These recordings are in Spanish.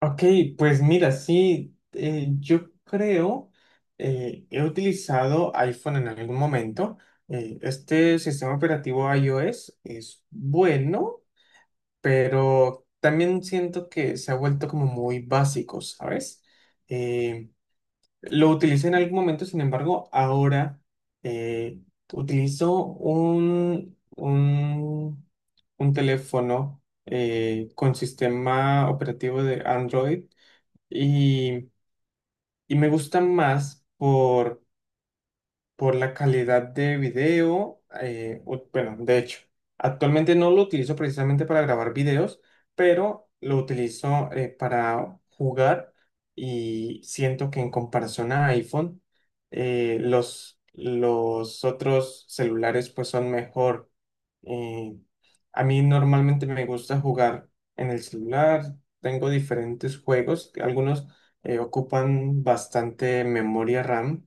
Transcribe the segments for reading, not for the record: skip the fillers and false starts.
Ok, pues mira, sí, yo creo, he utilizado iPhone en algún momento. Este sistema operativo iOS es bueno, pero también siento que se ha vuelto como muy básico, ¿sabes? Eh, lo utilicé en algún momento, sin embargo, ahora eh, utilizo un teléfono con sistema operativo de Android y, y me gusta más por la calidad de video. Bueno, de hecho, actualmente no lo utilizo precisamente para grabar videos, pero lo utilizo para jugar y siento que en comparación a iPhone, los otros celulares pues son mejor. Eh, a mí normalmente me gusta jugar en el celular, tengo diferentes juegos, algunos ocupan bastante memoria RAM.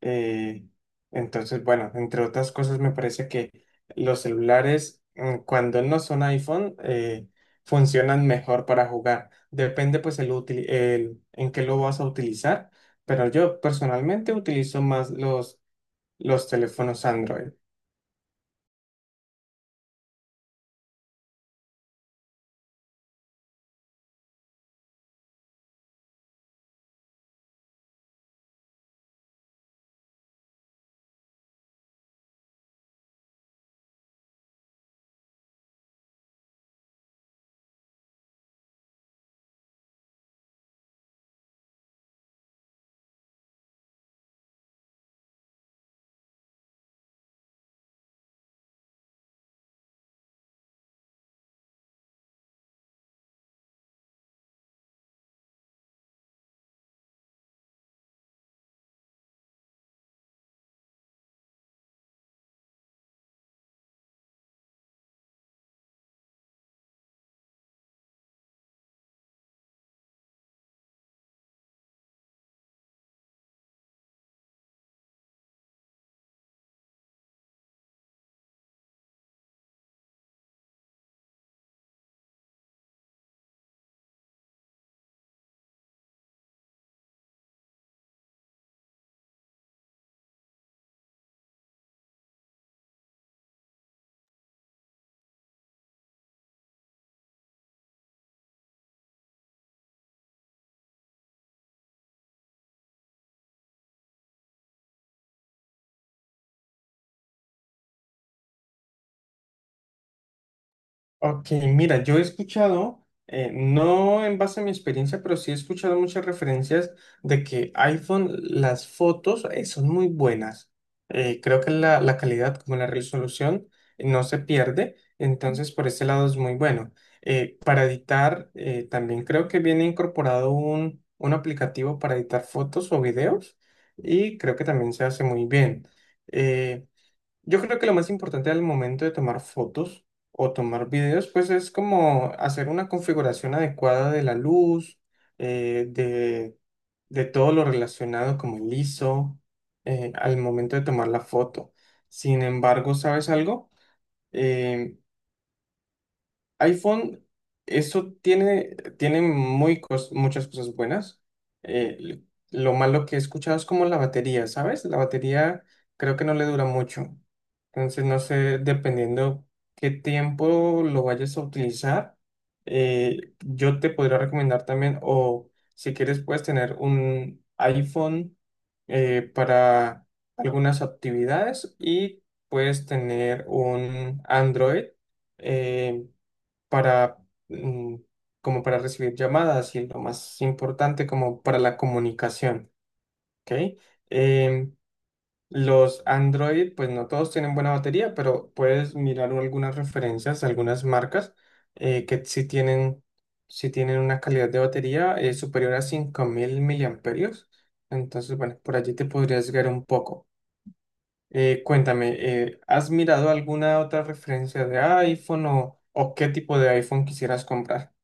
eh, entonces, bueno, entre otras cosas, me parece que los celulares, cuando no son iPhone, funcionan mejor para jugar. Depende, pues, en qué lo vas a utilizar, pero yo personalmente utilizo más los teléfonos Android. Ok, mira, yo he escuchado, no en base a mi experiencia, pero sí he escuchado muchas referencias de que iPhone, las fotos son muy buenas. Creo que la calidad como la resolución no se pierde, entonces por ese lado es muy bueno. Para editar, también creo que viene incorporado un aplicativo para editar fotos o videos y creo que también se hace muy bien. Eh, yo creo que lo más importante al momento de tomar fotos o tomar videos, pues es como hacer una configuración adecuada de la luz, eh, de, de todo lo relacionado como el ISO, al momento de tomar la foto. Sin embargo, ¿sabes algo? Eh, iPhone, eso tiene muy muchas cosas buenas. Eh, lo malo que he escuchado es como la batería, ¿sabes? La batería creo que no le dura mucho. Entonces, no sé, dependiendo qué tiempo lo vayas a utilizar, eh, yo te podría recomendar también, o si quieres, puedes tener un iPhone para algunas actividades y puedes tener un Android. eh, para, mm, como para recibir llamadas y lo más importante como para la comunicación, ¿ok? Em, los Android, pues no todos tienen buena batería, pero puedes mirar algunas referencias, algunas marcas que sí sí tienen una calidad de batería superior a 5000 miliamperios. Entonces, bueno, por allí te podrías guiar un poco. Cuéntame, ¿has mirado alguna otra referencia de iPhone o qué tipo de iPhone quisieras comprar?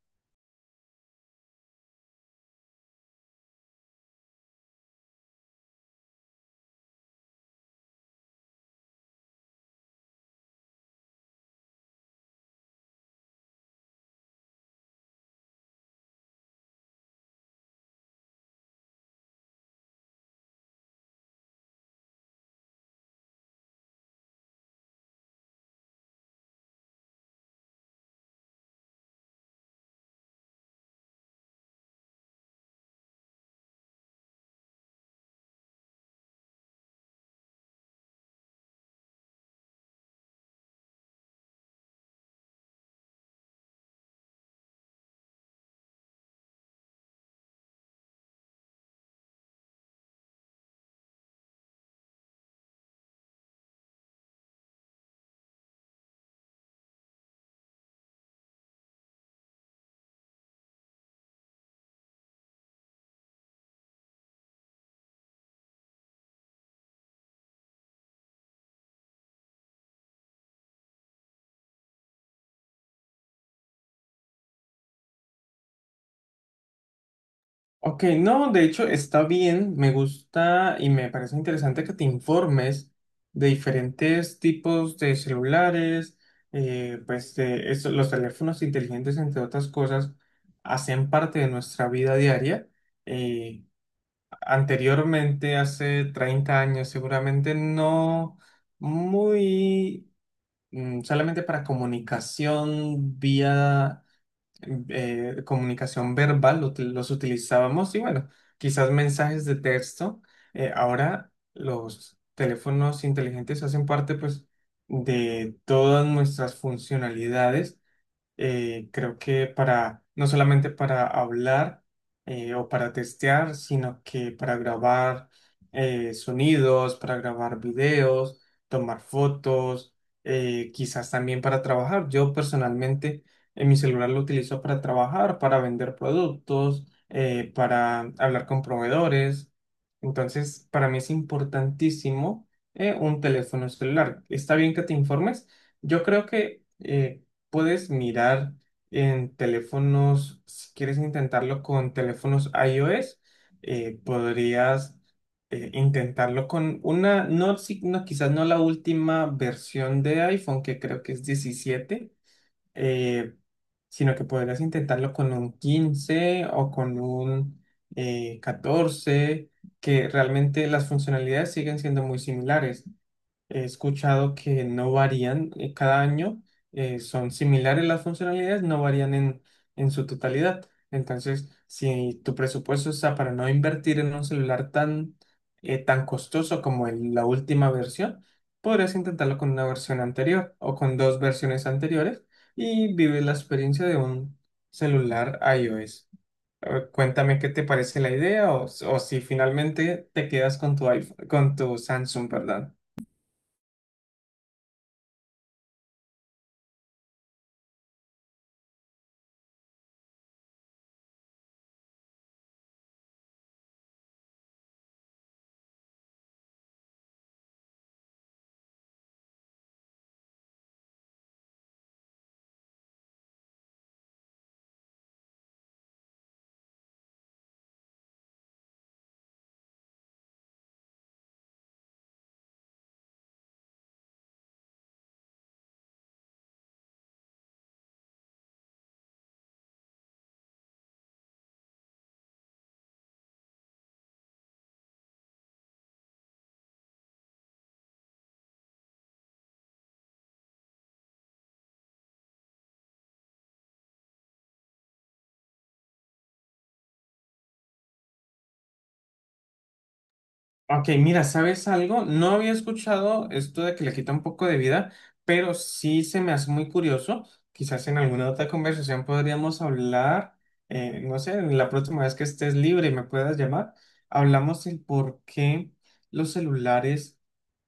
Ok, no, de hecho está bien, me gusta y me parece interesante que te informes de diferentes tipos de celulares, los teléfonos inteligentes, entre otras cosas, hacen parte de nuestra vida diaria. Eh, Anteriormente, hace 30 años, seguramente no muy solamente para comunicación vía comunicación verbal, los utilizábamos y bueno, quizás mensajes de texto. Ahora los teléfonos inteligentes hacen parte pues de todas nuestras funcionalidades creo que para, no solamente para hablar o para testear, sino que para grabar sonidos, para grabar videos, tomar fotos, quizás también para trabajar. Yo personalmente en mi celular lo utilizo para trabajar, para vender productos, para hablar con proveedores. Entonces, para mí es importantísimo un teléfono celular. Está bien que te informes. Yo creo que... puedes mirar en teléfonos, si quieres intentarlo con teléfonos iOS, podrías intentarlo con una, no, no, quizás no la última versión de iPhone, que creo que es 17, eh, sino que podrías intentarlo con un 15 o con un 14, que realmente las funcionalidades siguen siendo muy similares. He escuchado que no varían cada año, son similares las funcionalidades, no varían en su totalidad. Entonces, si tu presupuesto está para no invertir en un celular tan, tan costoso como la última versión, podrías intentarlo con una versión anterior o con dos versiones anteriores y vive la experiencia de un celular iOS. Cuéntame qué te parece la idea o si finalmente te quedas con tu con tu Samsung, perdón. Ok, mira, ¿sabes algo? No había escuchado esto de que le quita un poco de vida, pero sí se me hace muy curioso. Quizás en alguna otra conversación podríamos hablar, no sé, la próxima vez que estés libre y me puedas llamar, hablamos el por qué los celulares,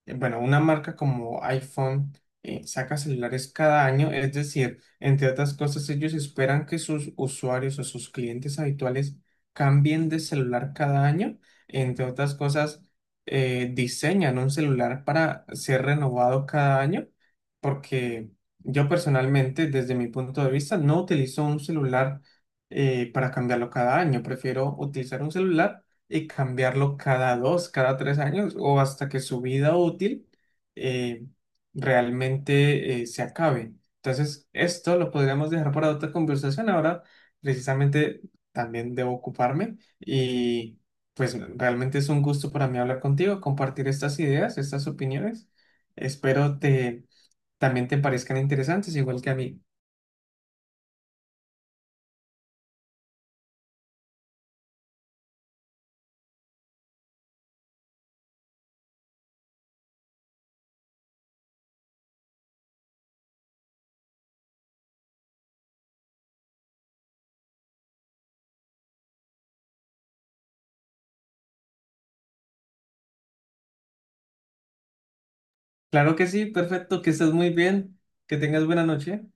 bueno, una marca como iPhone saca celulares cada año, es decir, entre otras cosas, ellos esperan que sus usuarios o sus clientes habituales cambien de celular cada año, entre otras cosas diseñan un celular para ser renovado cada año, porque yo personalmente, desde mi punto de vista, no utilizo un celular para cambiarlo cada año. Prefiero utilizar un celular y cambiarlo cada dos, cada tres años o hasta que su vida útil eh, realmente se acabe. Entonces, esto lo podríamos dejar para otra conversación. Ahora, precisamente, también debo ocuparme y... Pues realmente es un gusto para mí hablar contigo, compartir estas ideas, estas opiniones. Espero te también te parezcan interesantes, igual que a mí. Claro que sí, perfecto, que estés muy bien, que tengas buena noche.